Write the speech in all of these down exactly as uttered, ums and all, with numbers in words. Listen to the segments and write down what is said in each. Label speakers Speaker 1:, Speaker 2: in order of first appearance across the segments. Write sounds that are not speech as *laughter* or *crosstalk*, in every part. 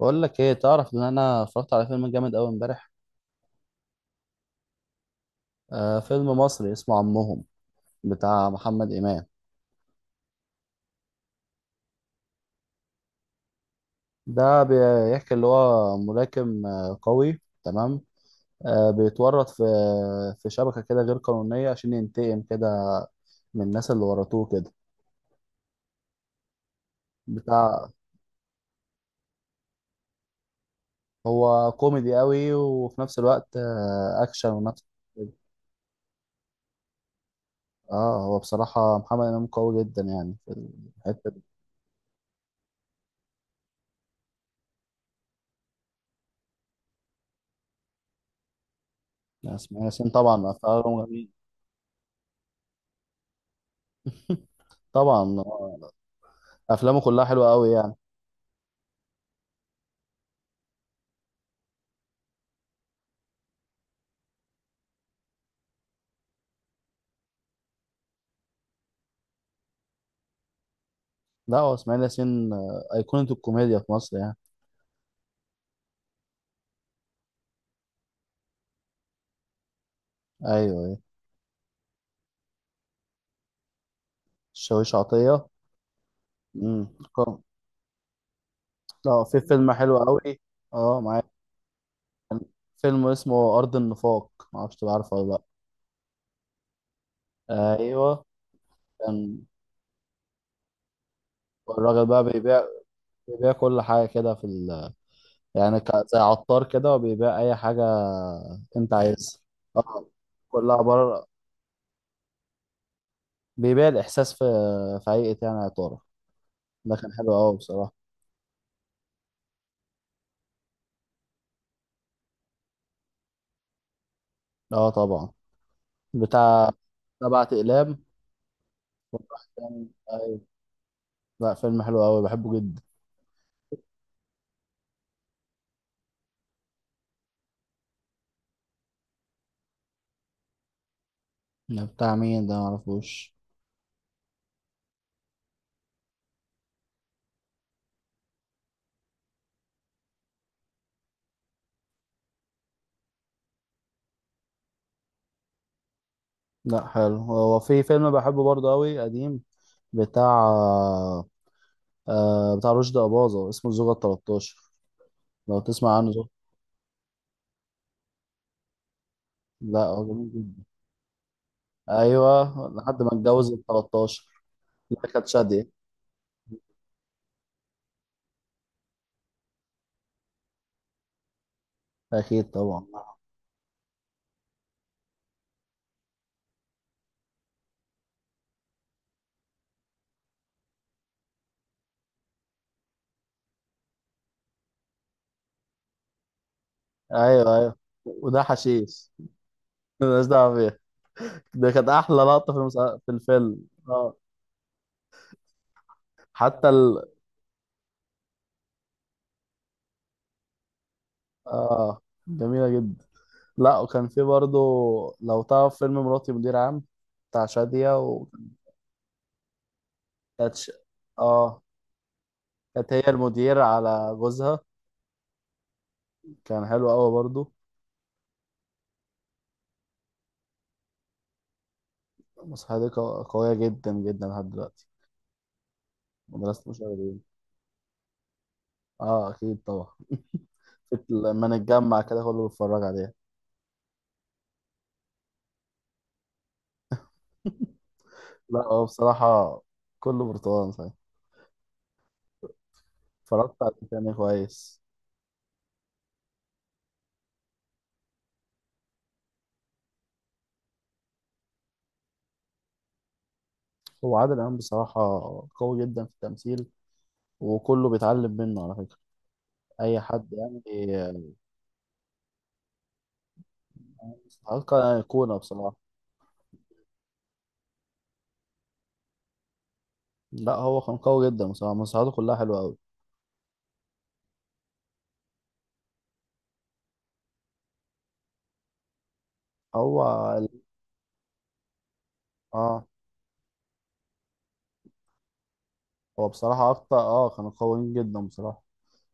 Speaker 1: بقول لك ايه، تعرف ان انا اتفرجت على فيلم جامد قوي امبارح؟ آه، فيلم مصري اسمه عمهم بتاع محمد امام. ده بيحكي اللي هو ملاكم، آه قوي تمام. آه بيتورط في في شبكه كده غير قانونيه عشان ينتقم كده من الناس اللي ورطوه كده. بتاع، هو كوميدي قوي وفي نفس الوقت آه اكشن ونفس. اه، هو بصراحه محمد امام قوي جدا يعني في الحته دي. اسماعيل ياسين طبعا افلامه جميل. طبعا، آه، افلامه كلها حلوه قوي يعني. لا هو اسماعيل ياسين، آه، ايقونه الكوميديا في مصر يعني. ايوه ايوه. الشاويش عطيه. امم كم- لا، في فيلم حلو قوي. اه، معايا فيلم اسمه ارض النفاق، ما اعرفش تبقى عارفه ولا. لا ايوه. كان الراجل بقى بيبيع، بيبيع كل حاجه كده في ال... يعني ك... زي عطار كده وبيبيع اي حاجه انت عايزها. اه، كلها عباره، بيبيع الاحساس في في هيئه يعني عطاره. ده كان حلو قوي بصراحه. اه، طبعا. بتاع سبعة أقلام. كان- أيوة. لا، فيلم حلو أوي بحبه جدا. ده بتاع مين ده، معرفوش. لا، حلو. هو في فيلم بحبه برضه أوي قديم، بتاع، آه بتاع رشدي أباظة اسمه الزوجة التلاتاشر، لو تسمع عنه. زوجة، لا هو جميل جدا. أيوه، لحد ما اتجوز التلاتاشر. لا، كانت شادية. أكيد طبعا. أيوه أيوه. وده حشيش. *laughs* مالناش دعوة بيه. ده كانت أحلى لقطة في المسا... في الفيلم، اه. حتى ال، آه، جميلة جدا. لا، وكان في برضه، لو تعرف فيلم مراتي مدير عام بتاع شادية. وكانت ش... اه، كانت هي المدير على جوزها. كان حلو قوي برضه. المسرحية دي قو- قوية جدا جدا لحد دلوقتي. مدرسة المشاغبين اه اكيد طبعا. *laughs* فت- لما نتجمع كده كله بيتفرج عليها. لا هو بصراحة كله برتقال صحيح. اتفرجت على تاني كويس. هو عادل إمام بصراحة قوي جدا في التمثيل، وكله بيتعلم منه على فكرة، أي حد يعني. مساعدته كان أيقونة بصراحة. لا هو كان قوي جدا بصراحة، مساعدته كلها حلوة أوي. هو ال- اه، هو بصراحة أكتر، اه، كانوا قويين جدا بصراحة.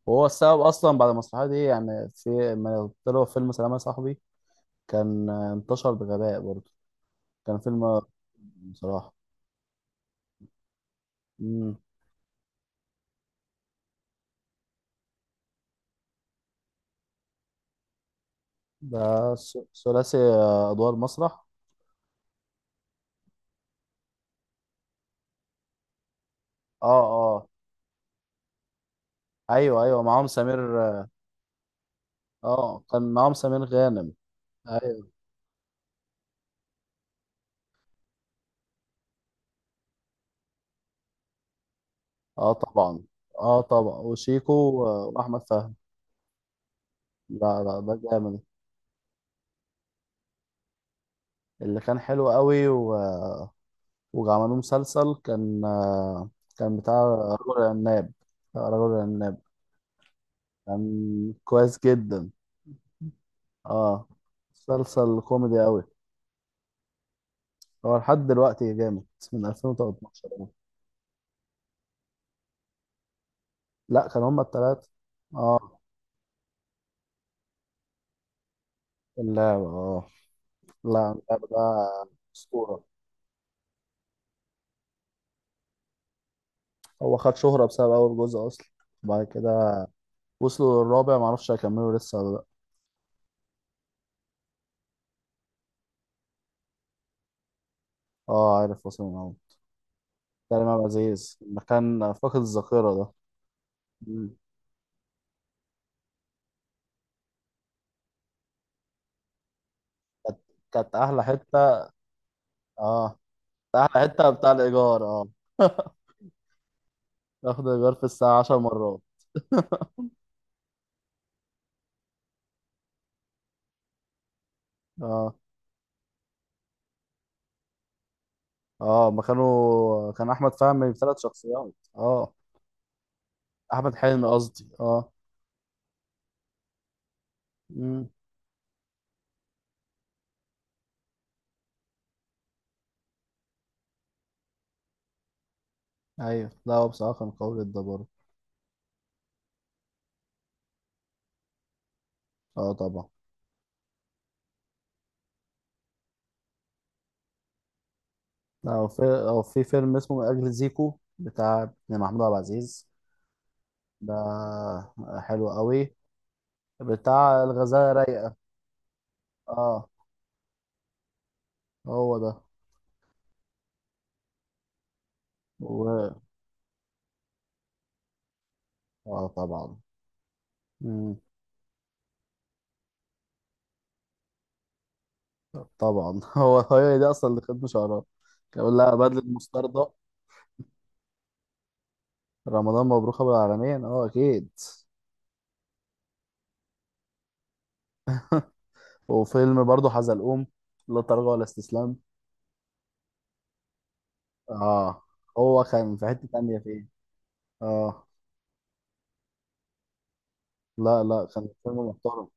Speaker 1: وهو السبب أصلا بعد المسرحية دي، يعني في لما طلعوا فيلم سلام يا صاحبي، كان، آه، انتشر بغباء برضه. كان فيلم بصراحة. مم. ده ث- ثلاثي، آه، أدوار مسرح. اه. اه. أيوه أيوه، معاهم سمير. اه، كان معاهم سمير غانم. أيوه. اه طبعا. اه طبعا، وشيكو، آه، وأحمد فهمي. لا لا، ده جامد. اللي كان حلو قوي و... وعملوه مسلسل، كان كان بتاع رجل العناب. بتاع رجل العناب، كان كويس جدا. اه، مسلسل كوميدي قوي، هو لحد دلوقتي جامد، من ألفين وتلتاشر يعني. لا، كان هما التلاتة. اه، اللعبة اه. لا، اللعبة ده أسطورة. هو خد شهرة بسبب أول جزء أصلا. بعد كده وصلوا للرابع، معرفش هيكملوا لسه ولا لأ. اه عارف، وصلوا من أول. كريم عبد العزيز لما كان فاقد الذاكرة ده. مم. كانت، كانت أحلى حتة. اه، كانت أحلى حتة بتاع الإيجار، اه. *laughs* ياخد إيجار في الساعة عشر مرات. اه. اه، ما كانوا كان أحمد فهمي بثلاث شخصيات اه. أحمد حلمي قصدي، اه. مم. أيوه، لا هو بصراحة كان قوي جدا برضه. اه طبعا. لا، هو في هو في فيلم اسمه من أجل زيكو بتاع ابن محمود عبد العزيز، ده حلو قوي، بتاع الغزالة رايقة. اه هو ده. و، اه طبعا. مم. طبعا، *laughs* هو هي دي اصلا اللي خدمة شعرات، كان بيقول لها بدلة مستردة. رمضان مبروك ابو العالمين، اه اكيد. وفيلم برضه حزلقوم، لا تراجع ولا استسلام. اه، هو كان في حتة تانية فيه اه. لا لا، كان فيلم محترم.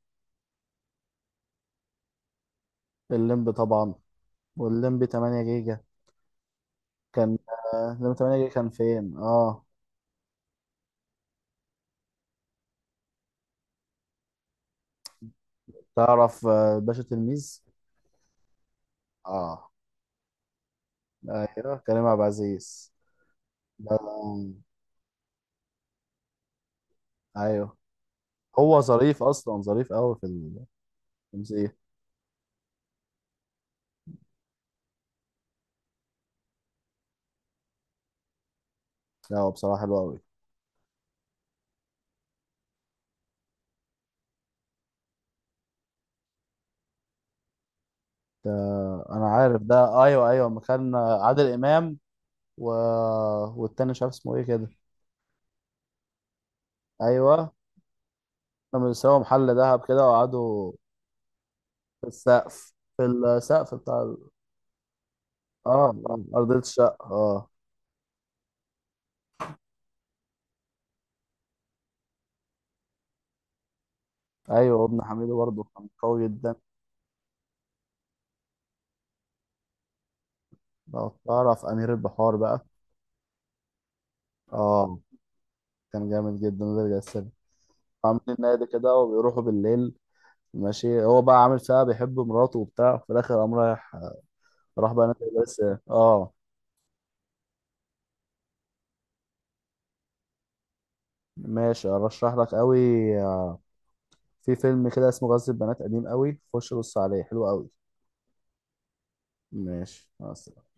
Speaker 1: الليمبي طبعا، والليمبي تمانية جيجا كان، آه، الليمبي تمانية جيجا كان فين اه. تعرف، آه، باشا تلميذ. اه ايوه، كريم عبد العزيز. ده ايوه. هو ظريف اصلا، ظريف قوي في التمثيل. لا هو بصراحه حلو قوي. ده انا عارف ده، ايوه ايوه، ما كان عادل امام. و... والتاني مش عارف اسمه ايه كده. ايوه. كانوا سوا محل دهب كده وقعدوا في السقف، في السقف بتاع ال... اه، آه، ارضيه الشقه اه. ايوه، وابن حميدو برضه كان قوي جدا. لو تعرف امير البحار بقى. اه، كان جامد جدا، ده رجع السينما. عاملين نادي كده وبيروحوا بالليل، ماشي. هو بقى عامل فيها بيحب مراته وبتاع، في الاخر قام رايح، راح بقى نادي بس. اه. ماشي، ارشح لك قوي، في فيلم كده اسمه غزل البنات، قديم قوي، خش بص عليه، حلو قوي. ماشي، مع السلامة.